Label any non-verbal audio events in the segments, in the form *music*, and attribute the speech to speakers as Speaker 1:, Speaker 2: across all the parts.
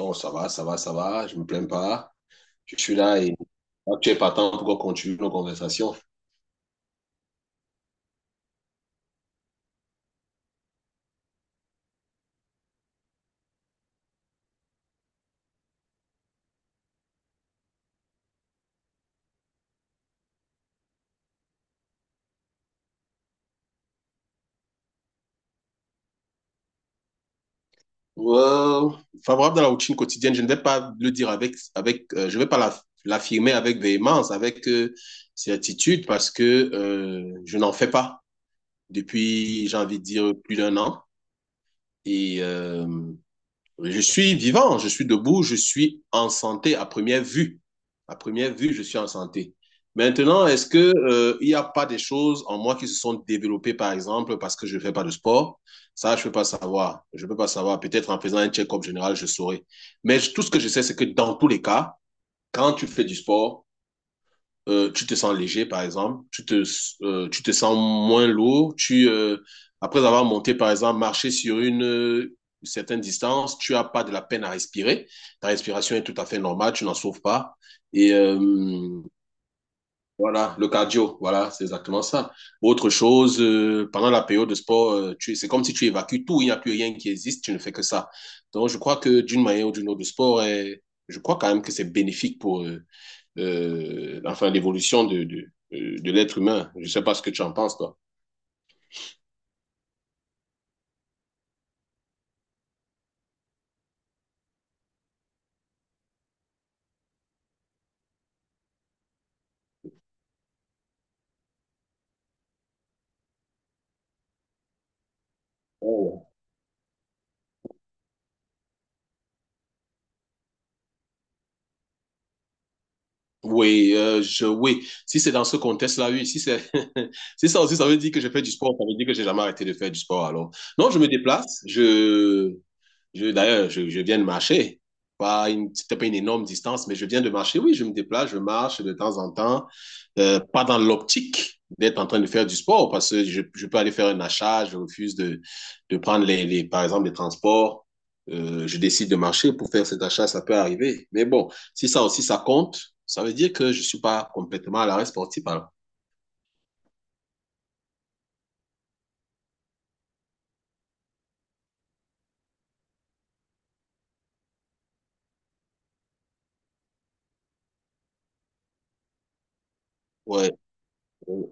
Speaker 1: Oh, ça va, ça va, ça va, je me plains pas. Je suis là et ah, tu es partant pour qu'on continue nos conversations. Euh, Favorable dans la routine quotidienne, je ne vais pas le dire avec je vais pas l'affirmer avec véhémence, avec certitude, parce que je n'en fais pas depuis, j'ai envie de dire, plus d'un an. Et euh, Je suis vivant, je suis debout, je suis en santé à première vue. À première vue, je suis en santé. Maintenant, est-ce que il n'y a pas des choses en moi qui se sont développées, par exemple, parce que je ne fais pas de sport. Ça, je ne peux pas savoir. Je ne peux pas savoir. Peut-être en faisant un check-up général, je saurais. Mais tout ce que je sais, c'est que dans tous les cas, quand tu fais du sport, tu te sens léger, par exemple, tu te sens moins lourd, après avoir monté, par exemple, marché sur une certaine distance, tu n'as pas de la peine à respirer, ta respiration est tout à fait normale, tu n'en souffres pas. Et euh, voilà, le cardio, voilà, c'est exactement ça. Autre chose, pendant la période de sport, tu, c'est comme si tu évacues tout, il n'y a plus rien qui existe, tu ne fais que ça. Donc, je crois que d'une manière ou d'une autre, le sport est, je crois quand même que c'est bénéfique pour, enfin, l'évolution de de l'être humain. Je ne sais pas ce que tu en penses, toi. Oh. Oui, oui. Si c'est dans ce contexte-là, oui. Si c'est, *laughs* si ça aussi, ça veut dire que je fais du sport, ça veut dire que j'ai jamais arrêté de faire du sport. Alors, non, je me déplace. Je d'ailleurs, je viens de marcher. Pas une, c'était pas une énorme distance, mais je viens de marcher. Oui, je me déplace, je marche de temps en temps. Pas dans l'optique d'être en train de faire du sport, parce que je peux aller faire un achat, je refuse de prendre, par exemple, les transports. Je décide de marcher pour faire cet achat, ça peut arriver. Mais bon, si ça aussi, ça compte, ça veut dire que je suis pas complètement à l'arrêt sportif. Alors. Ouais, ouais.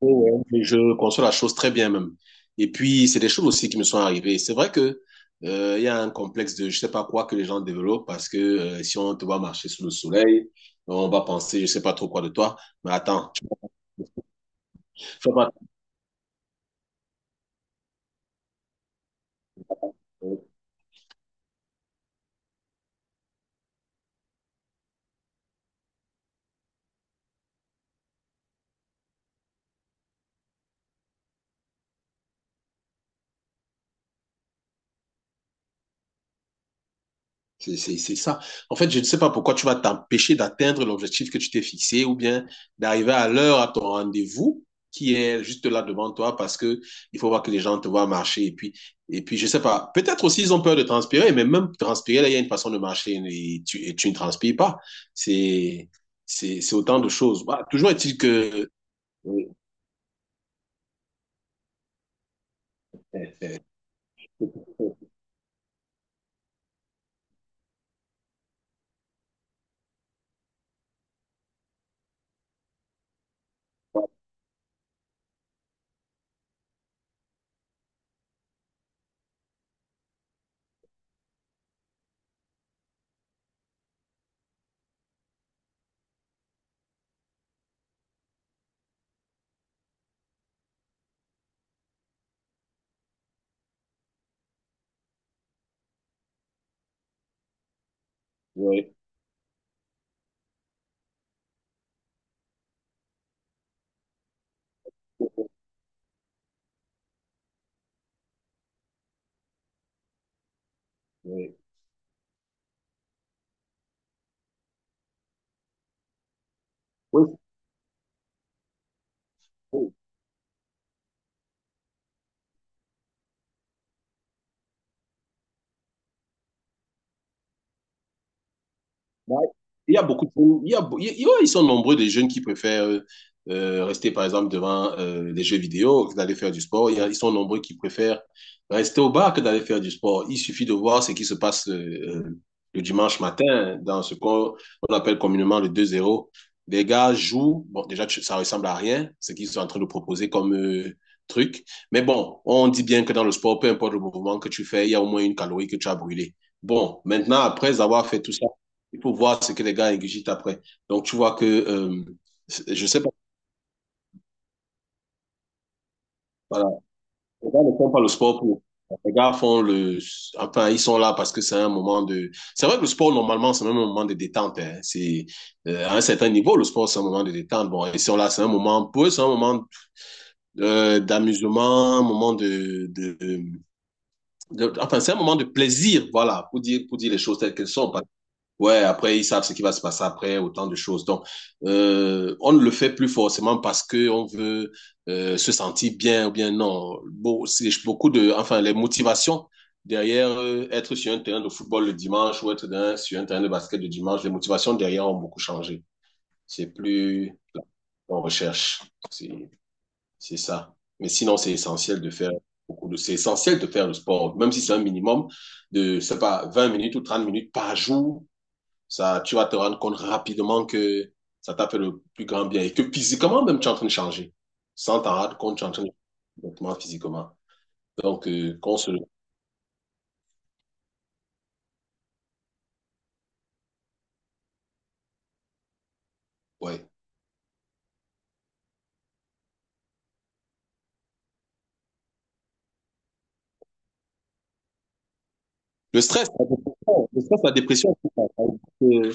Speaker 1: Ouais, ouais, je conçois la chose très bien même. Et puis, c'est des choses aussi qui me sont arrivées. C'est vrai que il y a un complexe de je sais pas quoi que les gens développent parce que si on te voit marcher sous le soleil, on va penser je sais pas trop quoi de toi. Mais attends, tu fais pas. C'est c'est ça. En fait, je ne sais pas pourquoi tu vas t'empêcher d'atteindre l'objectif que tu t'es fixé ou bien d'arriver à l'heure à ton rendez-vous qui est juste là devant toi, parce que il faut voir que les gens te voient marcher, et puis je ne sais pas, peut-être aussi ils ont peur de transpirer, mais même transpirer là, il y a une façon de marcher et et tu ne transpires pas. C'est c'est autant de choses, bah, toujours est-il que oui. *laughs* Oui. Oui. Oui. Ouais. Il y a beaucoup de... il y ouais, ils sont nombreux des jeunes qui préfèrent rester, par exemple, devant les jeux vidéo que d'aller faire du sport. Ils sont nombreux qui préfèrent rester au bar que d'aller faire du sport. Il suffit de voir ce qui se passe le dimanche matin dans ce qu'on on appelle communément le deux zéro. Les gars jouent, bon, déjà, tu- ça ressemble à rien, ce qu'ils sont en train de proposer comme truc. Mais bon, on dit bien que dans le sport, peu importe le mouvement que tu fais, il y a au moins une calorie que tu as brûlée. Bon, maintenant, après avoir fait tout ça, il faut voir ce que les gars ingurgitent après. Donc, tu vois que, je sais pas, voilà, les gars ne font pas le sport pour. Les gars font le. Enfin, ils sont là parce que c'est un moment de. C'est vrai que le sport, normalement, c'est même un moment de détente, hein. C'est, à un certain niveau, le sport, c'est un moment de détente. Bon, ils sont là, c'est un moment. Pour eux, c'est un moment d'amusement, un moment de- enfin, c'est un moment de plaisir, voilà, pour dire les choses telles qu'elles sont. Ouais, après, ils savent ce qui va se passer après, autant de choses. Donc, on ne le fait plus forcément parce que on veut se sentir bien ou bien non. Bon, c'est beaucoup de, enfin, les motivations derrière être sur un terrain de football le dimanche ou être dans- sur un terrain de basket le dimanche, les motivations derrière ont beaucoup changé. C'est plus on recherche, c'est c'est ça. Mais sinon, c'est essentiel de faire beaucoup de, c'est essentiel de faire le sport, même si c'est un minimum de, je sais pas, 20 minutes ou 30 minutes par jour. Ça, tu vas te rendre compte rapidement que ça t'a fait le plus grand bien et que physiquement même tu es en train de changer. Sans t'en rendre compte, tu es en train de changer complètement physiquement. Donc, qu'on se... ouais. Le stress, la dépression, le stress, la dépression, c'est ça. Euh,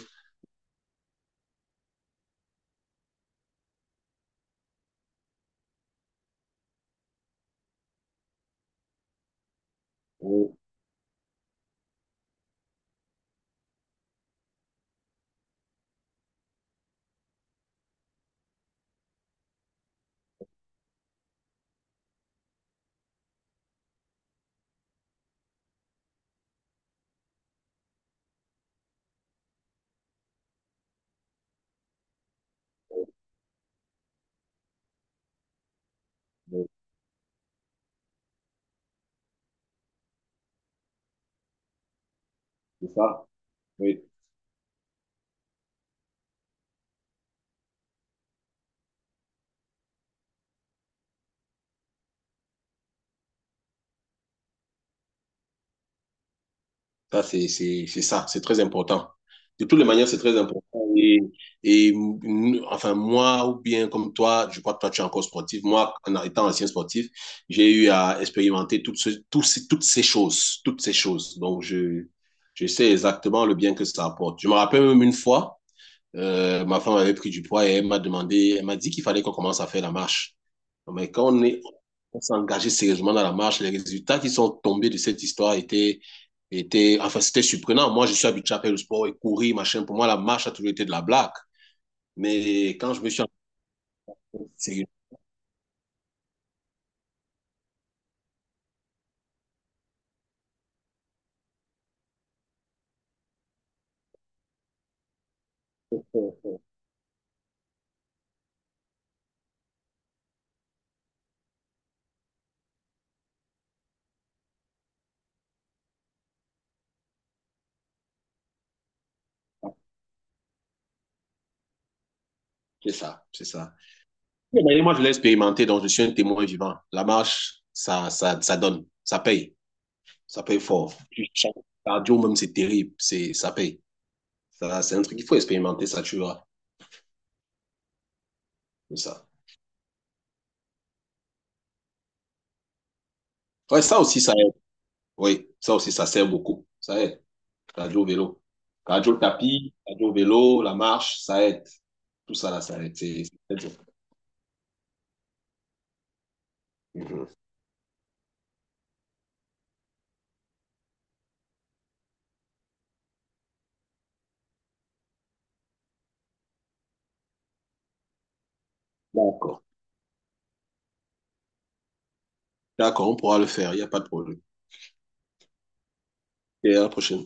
Speaker 1: euh, c'est ça. Oui. Ça, c'est c'est ça, c'est très important. De toutes les manières, c'est très important. Et, et enfin, moi, ou bien comme toi, je crois que toi, tu es encore sportif. Moi, en étant ancien sportif, j'ai eu à expérimenter toutes, tous toutes ces choses, toutes ces choses. Donc, je sais exactement le bien que ça apporte. Je me rappelle même une fois, ma femme avait pris du poids et elle m'a demandé, elle m'a dit qu'il fallait qu'on commence à faire la marche. Mais on s'est engagé sérieusement dans la marche, les résultats qui sont tombés de cette histoire étaient, étaient, enfin, c'était surprenant. Moi, je suis habitué à faire le sport et courir, machin. Pour moi, la marche a toujours été de la blague. Mais quand je me suis engagé sérieusement, c'est ça, c'est ça. Et d'ailleurs, moi, je l'ai expérimenté, donc je suis un témoin vivant. La marche, ça donne, ça paye fort. Cardio, même, c'est terrible, c'est, ça paye. Ça, c'est un truc qu'il faut expérimenter, ça tu verras. Comme ça. Ouais, ça aussi, ça aide. Oui, ça aussi, ça sert beaucoup. Ça aide. Cardio, vélo. Cardio, le tapis, cardio, vélo, la marche, ça aide. Tout ça, là, ça aide. C'est très bien. Mhm. D'accord. D'accord, on pourra le faire. Il n'y a pas de problème. Et à la prochaine.